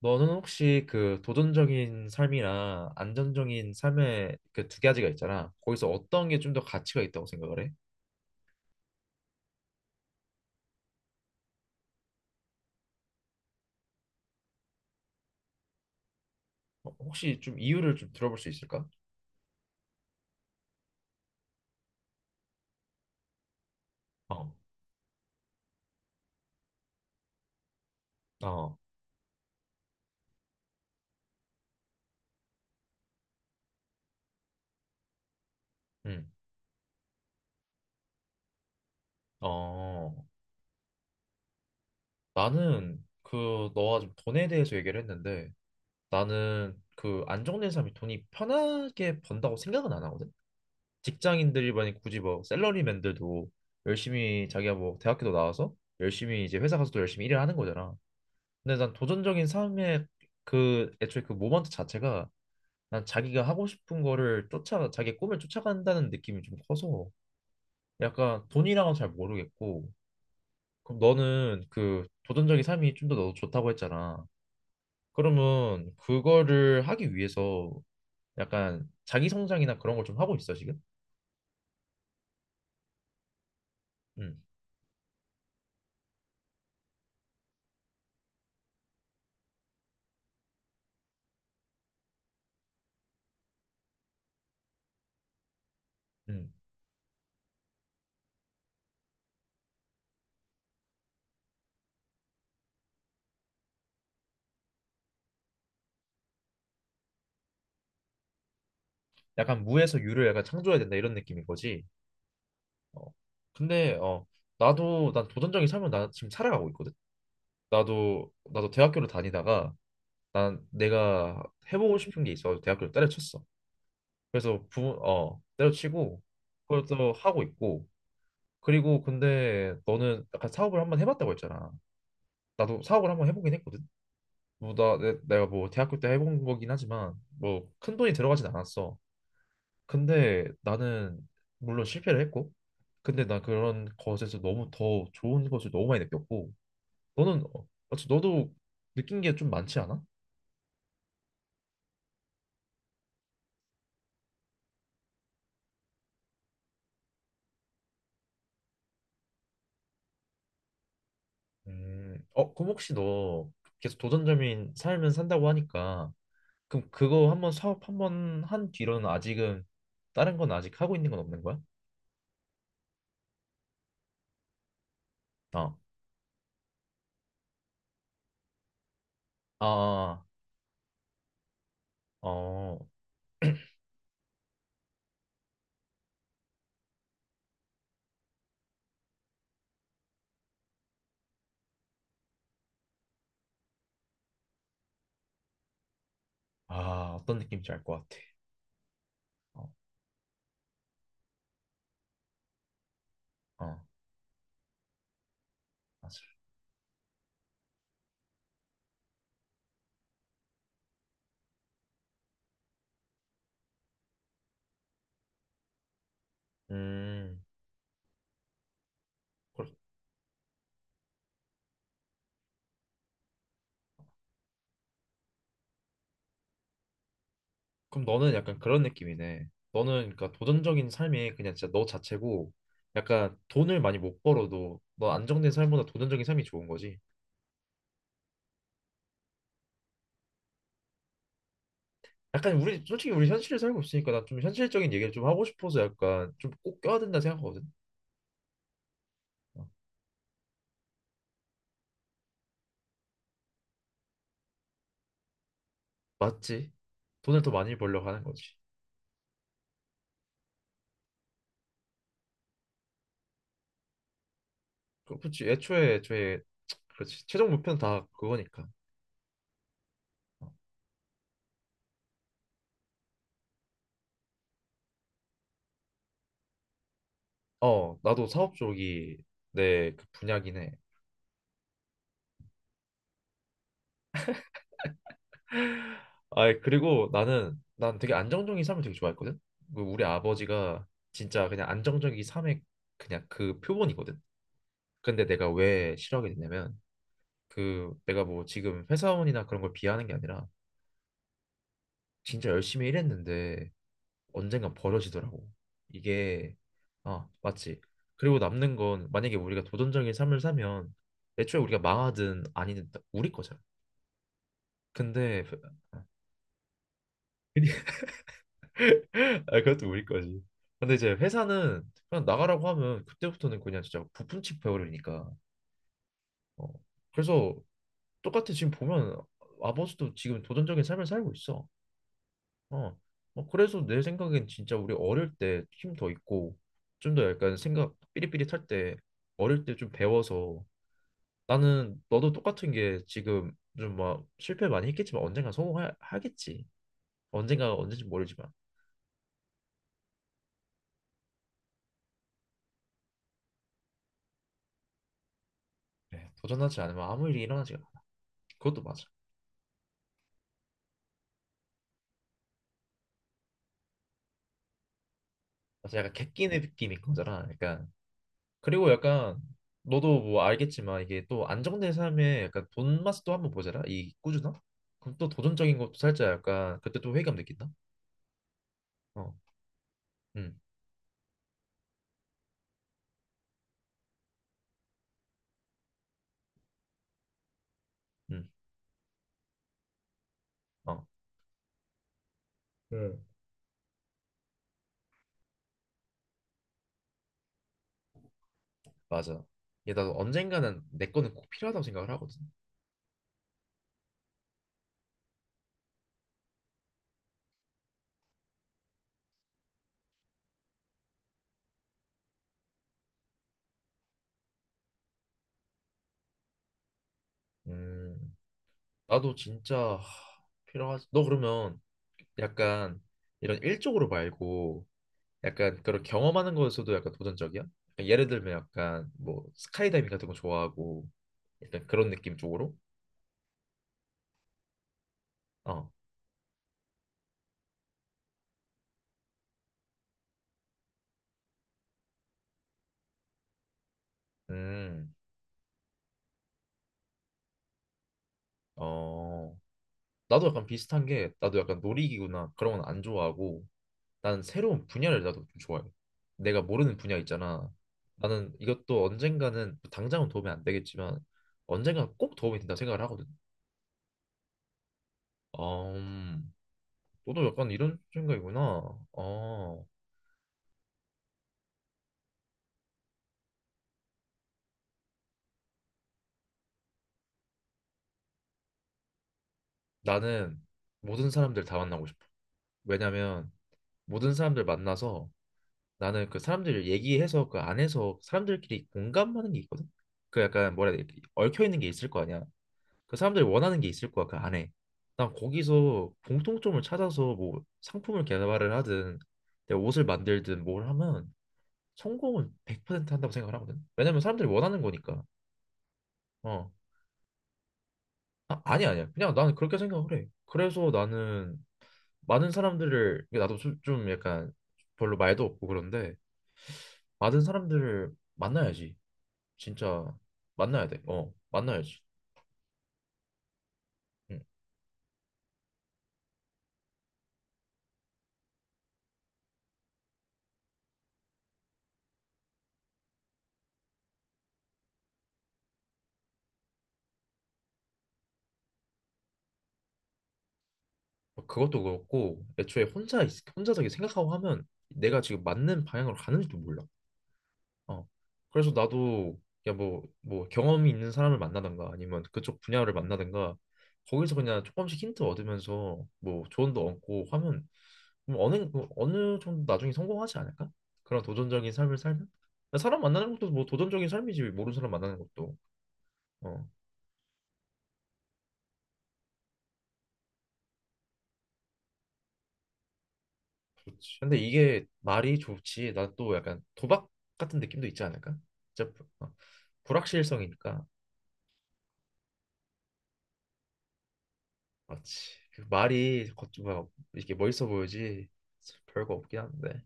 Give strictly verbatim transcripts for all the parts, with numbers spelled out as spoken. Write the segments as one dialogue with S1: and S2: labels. S1: 너는 혹시 그 도전적인 삶이랑 안정적인 삶의 그 두 가지가 있잖아. 거기서 어떤 게 좀 더 가치가 있다고 생각을 해? 어, 혹시 좀 이유를 좀 들어볼 수 있을까? 어, 어. 음. 어. 나는 그 너가 좀 돈에 대해서 얘기를 했는데, 나는 그 안정된 삶이 돈이 편하게 번다고 생각은 안 하거든. 직장인들이 만약 굳이 뭐 샐러리맨들도 열심히 자기가 뭐 대학교도 나와서 열심히 이제 회사 가서도 열심히 일을 하는 거잖아. 근데 난 도전적인 삶의 그 애초에 그 모먼트 자체가 난 자기가 하고 싶은 거를 쫓아 자기 꿈을 쫓아간다는 느낌이 좀 커서 약간 돈이랑은 잘 모르겠고. 그럼 너는 그 도전적인 삶이 좀 더 너도 좋다고 했잖아. 그러면 그거를 하기 위해서 약간 자기 성장이나 그런 걸 좀 하고 있어 지금? 음. 음. 약간 무에서 유를 약간 창조해야 된다 이런 느낌인 거지. 어. 근데 어 나도 난 도전적인 삶을 나 지금 살아가고 있거든. 나도 나도 대학교를 다니다가 난 내가 해보고 싶은 게 있어서 대학교를 때려쳤어. 그래서 부, 어, 때려치고 그걸 또 하고 있고. 그리고 근데 너는 약간 사업을 한번 해봤다고 했잖아. 나도 사업을 한번 해보긴 했거든. 뭐 나, 내, 내가 뭐 대학교 때 해본 거긴 하지만 뭐 큰 돈이 들어가진 않았어. 근데 나는 물론 실패를 했고, 근데 난 그런 것에서 너무 더 좋은 것을 너무 많이 느꼈고. 너는 어, 어째 너도 느낀 게 좀 많지 않아? 음, 어, 그럼 혹시 너 계속 도전점인 삶을 산다고 하니까, 그럼 그거 한 번 사업 한 번 한 뒤로는 아직은 다른 건 아직 하고 있는 건 없는 거야? 어, 아, 어, 아, 어떤 느낌인지 알 것 같아. 어. 어. 맞아. 음, 그렇- 그럼 너는 약간 그런 느낌이네. 너는 그러니까 도전적인 삶이 그냥 진짜 너 자체고 약간 돈을 많이 못 벌어도 너 안정된 삶보다 도전적인 삶이 좋은 거지. 약간 우리 솔직히 우리 현실에 살고 있으니까 난 좀 현실적인 얘기를 좀 하고 싶어서 약간 좀 꼭 껴야 된다 생각하거든. 어, 맞지? 돈을 더 많이 벌려고 하는 거지. 그- 렇지. 애초에 애초에 그렇지. 최종 목표는 다 그거니까. 어, 나도 사업 쪽이 내 그 분야긴 해. 아, 그리고 나는 난 되게 안정적인 삶을 되게 좋아했거든. 그 우리 아버지가 진짜 그냥 안정적인 삶의 그냥 그 표본이거든. 근데 내가 왜 싫어하게 됐냐면, 그 내가 뭐 지금 회사원이나 그런 걸 비하하는 게 아니라 진짜 열심히 일했는데 언젠간 버려지더라고. 이게, 아 맞지. 그리고 남는 건, 만약에 우리가 도전적인 삶을 사면 애초에 우리가 망하든 아니든 다 우리 거잖아. 근데 아 그것도 우리 거지. 근데 이제 회사는 그냥 나가라고 하면 그때부터는 그냥 진짜 부품치 배우려니까. 어. 그래서 똑같이 지금 보면 아버지도 지금 도전적인 삶을 살고 있어. 어. 어. 그래서 내 생각엔 진짜 우리 어릴 때 힘 더 있고 좀 더 약간 생각 삐릿삐릿할 때, 어릴 때 좀 배워서. 나는 너도 똑같은 게 지금 좀 막 실패 많이 했겠지만 언젠가 성공하겠지. 언젠가 언제지 모르지만. 그래, 도전하지 않으면 아무 일이 일어나지가 않아. 그것도 맞아. 그래서 약간 객기 느낌인 거잖아, 약간. 그리고 약간, 너도 뭐 알겠지만 이게 또 안정된 삶에 약간 돈 맛도 한번 보잖아. 이 꾸준함? 그럼 또 도전적인 것도 살짝 약간 그때 또 회의감 느낀다. 어. 음. 음. 어. 응, 맞아. 얘, 나도 언젠가는 내 거는 꼭 필요하다고 생각을 하거든. 음, 나도 진짜 하, 필요하지. 너 그러면 약간 이런 일적으로 말고 약간 그런 경험하는 거에서도 약간 도전적이야? 약간 예를 들면 약간 뭐 스카이다이빙 같은 거 좋아하고 약간 그런 느낌 쪽으로? 어, 음, 어, 나도 약간 비슷한 게, 나도 약간 놀이기구나 그런 건 안 좋아하고 나는 새로운 분야를 나도 좀 좋아해. 내가 모르는 분야 있잖아. 나는 이것도 언젠가는 당장은 도움이 안 되겠지만 언젠가 꼭 도움이 된다 생각을 하거든. 음. 너도 약간 이런 생각이구나. 어, 나는 모든 사람들 다 만나고 싶어. 왜냐면 모든 사람들 만나서, 나는 그 사람들 얘기해서 그 안에서 사람들끼리 공감하는 게 있거든. 그 약간, 뭐라 해야 되, 얽혀 있는 게 있을 거 아니야. 그 사람들이 원하는 게 있을 거야 그 안에. 난 거기서 공통점을 찾아서 뭐 상품을 개발을 하든 내 옷을 만들든 뭘 하면 성공은 백 퍼센트 한다고 생각을 하거든. 왜냐면 사람들이 원하는 거니까. 어. 아, 아니 아니야, 그냥 나는 그렇게 생각을 해. 그래서 나는 많은 사람들을 이게, 나도 수- 좀 약간 별로 말도 없고 그런데, 많은 사람들을 만나야지. 진짜 만나야 돼어, 만나야지. 응. 어, 그것도 그렇고, 애초에 혼자 있- 혼자 저기 생각하고 하면 내가 지금 맞는 방향으로 가는지도 몰라. 어. 그래서 나도 야 뭐 뭐 경험이 있는 사람을 만나든가, 아니면 그쪽 분야를 만나든가, 거기서 그냥 조금씩 힌트 얻으면서 뭐 조언도 얻고 하면 뭐 어느 어느 정도 나중에 성공하지 않을까? 그런 도전적인 삶을 살면 사람 만나는 것도 뭐 도전적인 삶이지, 모르는 사람 만나는 것도. 어. 근데 이게 말이 좋지 나 또 약간 도박 같은 느낌도 있지 않을까? 진짜 불- 어, 불확실성이니까. 맞지. 그 말이 겉 뭐 이렇게 멋있어 보이지 별거 없긴 한데.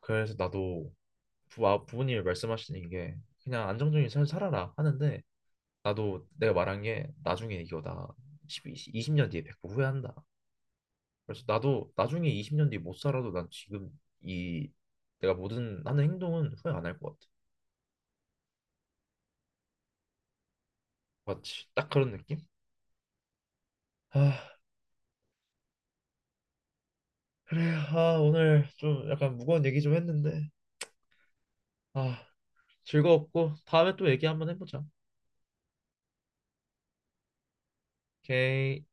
S1: 그래서 나도 부, 아, 부모님이 말씀하시는 게 그냥 안정적인 삶 살아라 하는데, 나도 내가 말한 게 나중에 이거 나 십, 이십 년 뒤에 백 퍼센트 후회한다. 그래서 나도 나중에 이십 년 뒤 못 살아도 난 지금 이 내가 모든 하는 행동은 후회 안 할 것 같아. 맞지, 딱 그런 느낌? 아, 그래. 아, 오늘 좀 약간 무거운 얘기 좀 했는데. 아, 즐거웠고 다음에 또 얘기 한번 해보자. 오케이.